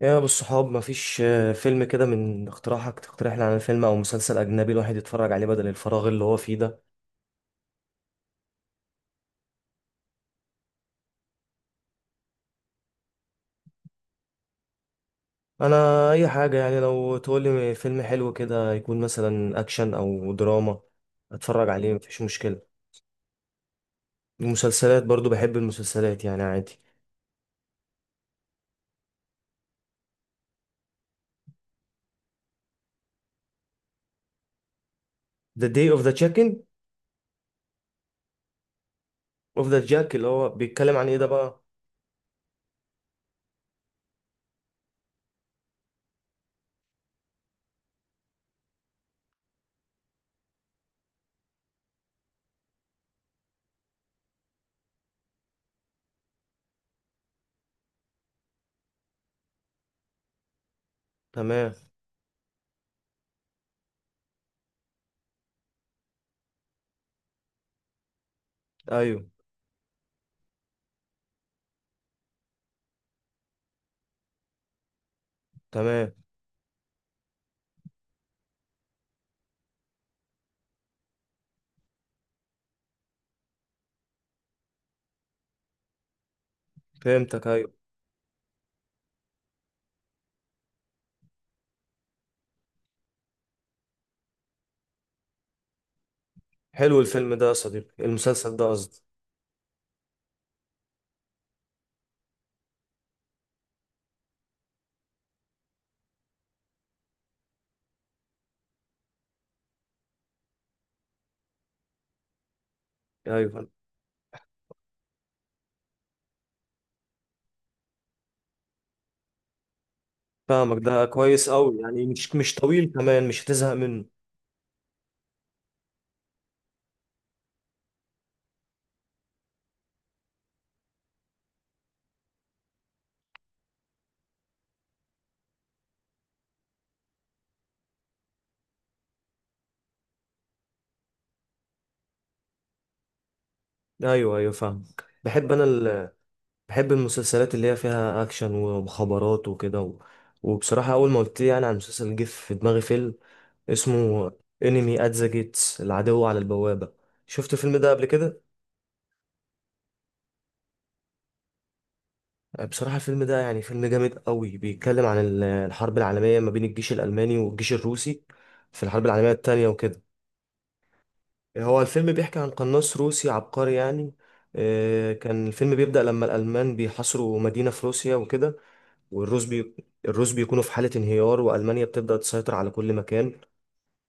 يا بالصحاب مفيش فيلم كده من اقتراحك، تقترح لي على فيلم او مسلسل اجنبي الواحد يتفرج عليه بدل الفراغ اللي هو فيه ده. انا اي حاجه، يعني لو تقول لي فيلم حلو كده يكون مثلا اكشن او دراما اتفرج عليه مفيش مشكله. المسلسلات برضو بحب المسلسلات يعني عادي. The Day of the Chicken of the Jack اللي هو بيتكلم عن ايه ده بقى؟ تمام. ايوه. تمام. فهمتك، ايوه. حلو الفيلم ده يا صديقي، المسلسل ده قصدي. ايوه فاهمك، ده كويس قوي يعني مش طويل كمان، مش هتزهق منه. ايوه ايوه فاهمك. بحب انا ال... بحب المسلسلات اللي هي فيها اكشن ومخابرات وكده و... وبصراحه اول ما قلت لي يعني عن مسلسل جه في دماغي فيلم اسمه انمي ات ذا جيتس، العدو على البوابه. شفت الفيلم ده قبل كده؟ بصراحه الفيلم ده يعني فيلم جامد قوي، بيتكلم عن الحرب العالميه ما بين الجيش الالماني والجيش الروسي في الحرب العالميه التانية وكده. هو الفيلم بيحكي عن قناص روسي عبقري يعني. كان الفيلم بيبدأ لما الألمان بيحاصروا مدينة في روسيا وكده، والروس بي... الروس بيكونوا في حالة انهيار وألمانيا بتبدأ تسيطر على كل مكان.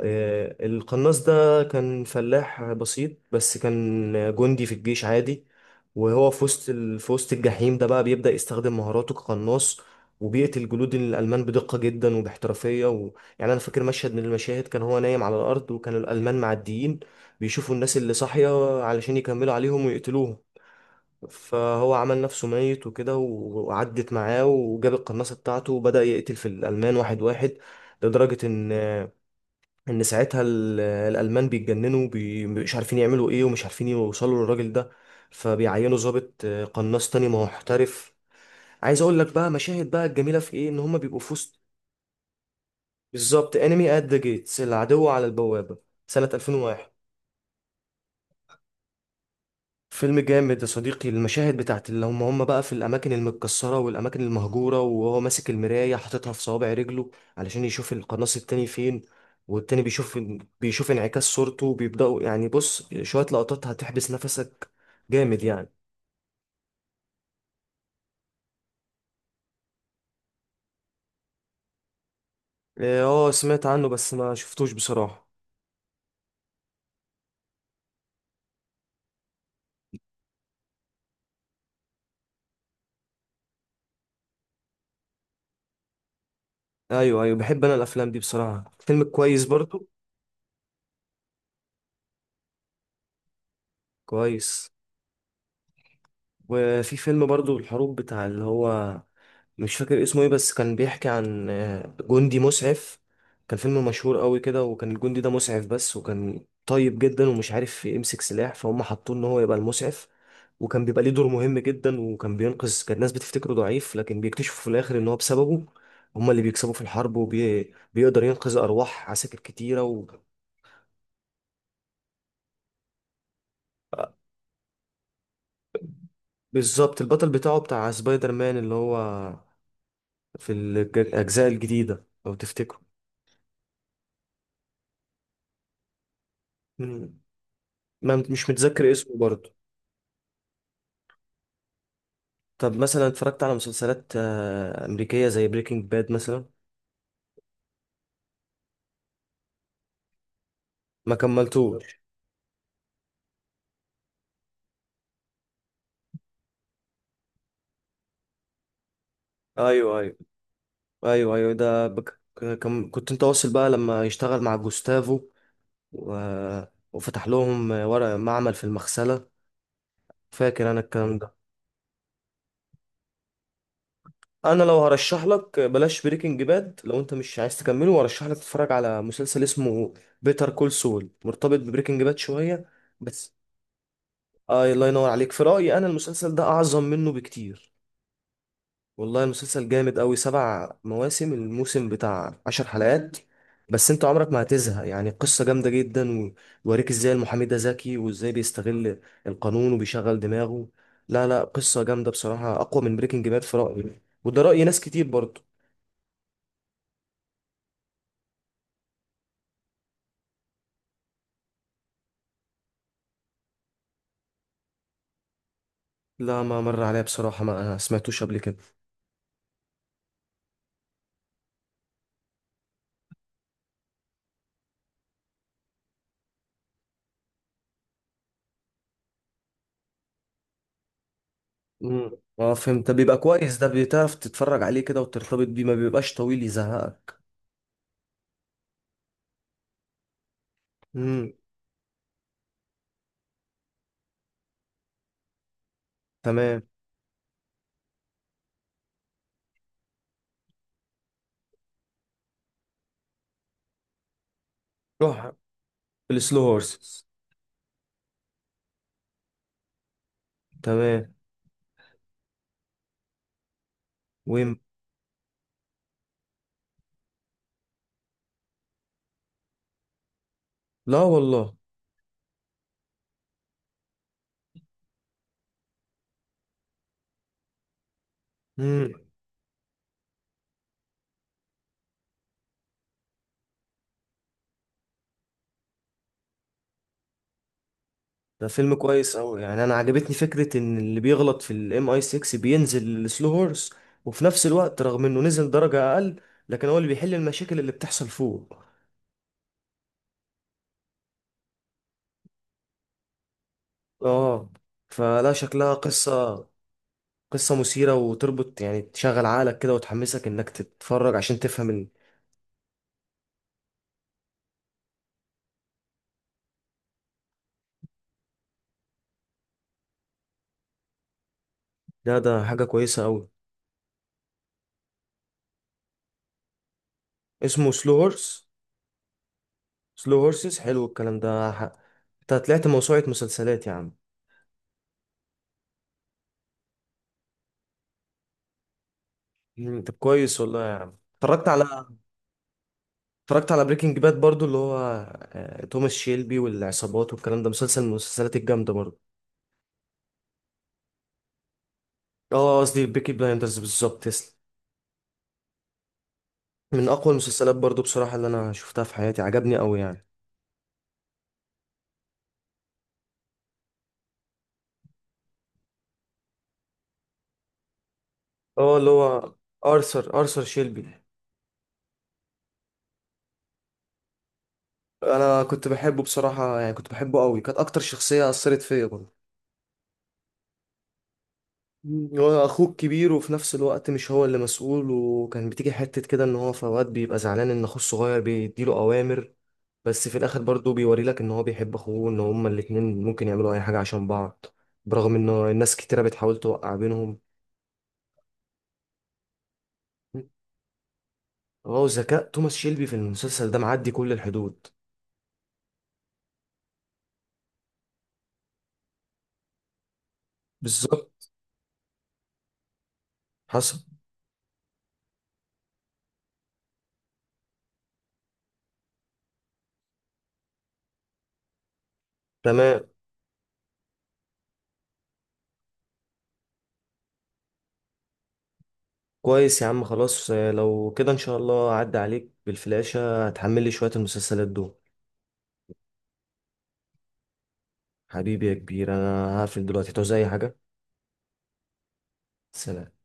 القناص ده كان فلاح بسيط بس كان جندي في الجيش عادي، وهو في وسط في وسط الجحيم ده بقى بيبدأ يستخدم مهاراته كقناص وبيقتل جنود الألمان بدقة جدا وباحترافية و... يعني أنا فاكر مشهد من المشاهد كان هو نايم على الأرض وكان الألمان معديين بيشوفوا الناس اللي صاحية علشان يكملوا عليهم ويقتلوهم، فهو عمل نفسه ميت وكده وعدت معاه وجاب القناصة بتاعته وبدأ يقتل في الألمان واحد واحد، لدرجة إن ان ساعتها الالمان بيتجننوا مش عارفين يعملوا ايه ومش عارفين يوصلوا للراجل ده، فبيعينوا ضابط قناص تاني ما هو محترف. عايز اقول لك بقى مشاهد بقى الجميله في ايه، ان هما بيبقوا في وسط. بالظبط انمي ات ذا جيتس، العدو على البوابه، سنه 2001. فيلم جامد يا صديقي، المشاهد بتاعت اللي هم بقى في الأماكن المتكسرة والأماكن المهجورة وهو ماسك المراية حاططها في صوابع رجله علشان يشوف القناص التاني فين، والتاني بيشوف، بيشوف انعكاس صورته وبيبدأوا يعني بص شوية لقطات هتحبس نفسك، جامد يعني. إيه، اه سمعت عنه بس ما شفتوش بصراحة. أيوه أيوه بحب أنا الأفلام دي بصراحة، فيلم كويس برضو. كويس. وفي فيلم برضو الحروب بتاع اللي هو مش فاكر اسمه ايه، بس كان بيحكي عن جندي مسعف. كان فيلم مشهور قوي كده، وكان الجندي ده مسعف بس وكان طيب جدا ومش عارف يمسك سلاح فهم حطوه ان هو يبقى المسعف، وكان بيبقى ليه دور مهم جدا وكان بينقذ، كان الناس بتفتكره ضعيف لكن بيكتشفوا في الاخر ان هو بسببه هم اللي بيكسبوا في الحرب وبيقدر ينقذ ارواح عساكر كتيرة و... بالظبط البطل بتاعه بتاع سبايدر مان اللي هو في الاجزاء الجديدة لو تفتكروا. مم. ما مش متذكر اسمه برضه. طب مثلا اتفرجت على مسلسلات أمريكية زي بريكنج باد مثلا؟ ما كملتوش. ايوه ايوه. ايوه ايوه ده بك... كم... كنت انت واصل بقى لما يشتغل مع جوستافو و... وفتح لهم ورق معمل في المغسلة، فاكر انا الكلام ده. انا لو هرشح لك بلاش بريكنج باد، لو انت مش عايز تكمله، وارشح لك تتفرج على مسلسل اسمه بيتر كول سول، مرتبط ببريكنج باد شوية بس. آه الله ينور عليك، في رأيي أنا المسلسل ده أعظم منه بكتير. والله المسلسل جامد أوي، 7 مواسم، الموسم بتاع 10 حلقات بس، أنت عمرك ما هتزهق يعني، قصة جامدة جدا ويوريك إزاي المحامي ده ذكي وإزاي بيستغل القانون وبيشغل دماغه. لا لا قصة جامدة بصراحة، أقوى من بريكنج باد في رأيي، وده رأي ناس كتير برضه. لا ما مر عليا بصراحة، ما سمعتوش قبل كده. مم. اه فهمت، طب بيبقى كويس ده، بتعرف تتفرج عليه كده وترتبط بيه، ما بيبقاش طويل يزهقك. امم. تمام. روح السلو هورسز. تمام. ويم. لا والله. امم. ده فيلم كويس قوي يعني، انا عجبتني فكره ان اللي بيغلط في الـMI6 بينزل السلو هورس، وفي نفس الوقت رغم انه نزل درجه اقل لكن هو اللي بيحل المشاكل اللي بتحصل فوق. اه فلا شكلها قصه، قصه مثيره وتربط يعني تشغل عقلك كده وتحمسك انك تتفرج عشان تفهم ال... ده حاجه كويسه قوي. اسمه سلو هورس؟ سلو هورسز. حلو الكلام ده انت طلعت موسوعه مسلسلات يا عم. مم، طب كويس والله يا عم. اتفرجت على اتفرجت على بريكنج باد برضو اللي هو توماس شيلبي والعصابات والكلام ده، مسلسل من المسلسلات الجامدة برضو. اه قصدي بيكي بلايندرز بالظبط، تسلم. من اقوى المسلسلات برضو بصراحة اللي انا شفتها في حياتي، عجبني قوي يعني. اه اللي هو ارثر شيلبي. انا كنت بحبه بصراحة يعني، كنت بحبه قوي، كانت اكتر شخصية اثرت فيا برضو. مم. هو اخوك كبير وفي نفس الوقت مش هو اللي مسؤول، وكان بتيجي حتة كده ان هو في اوقات بيبقى زعلان ان اخوه الصغير بيديله اوامر، بس في الاخر برضه بيوري لك ان هو بيحب اخوه، ان هما الاتنين ممكن يعملوا اي حاجه عشان بعض برغم ان الناس كتيره بتحاول توقع بينهم. هو ذكاء توماس شيلبي في المسلسل ده معدي كل الحدود. بالظبط. حصل. تمام كويس يا عم خلاص، لو كده ان شاء الله اعدي عليك بالفلاشة هتحمل لي شوية المسلسلات دول. حبيبي يا كبير انا هقفل دلوقتي، تعوز اي حاجة؟ سلام.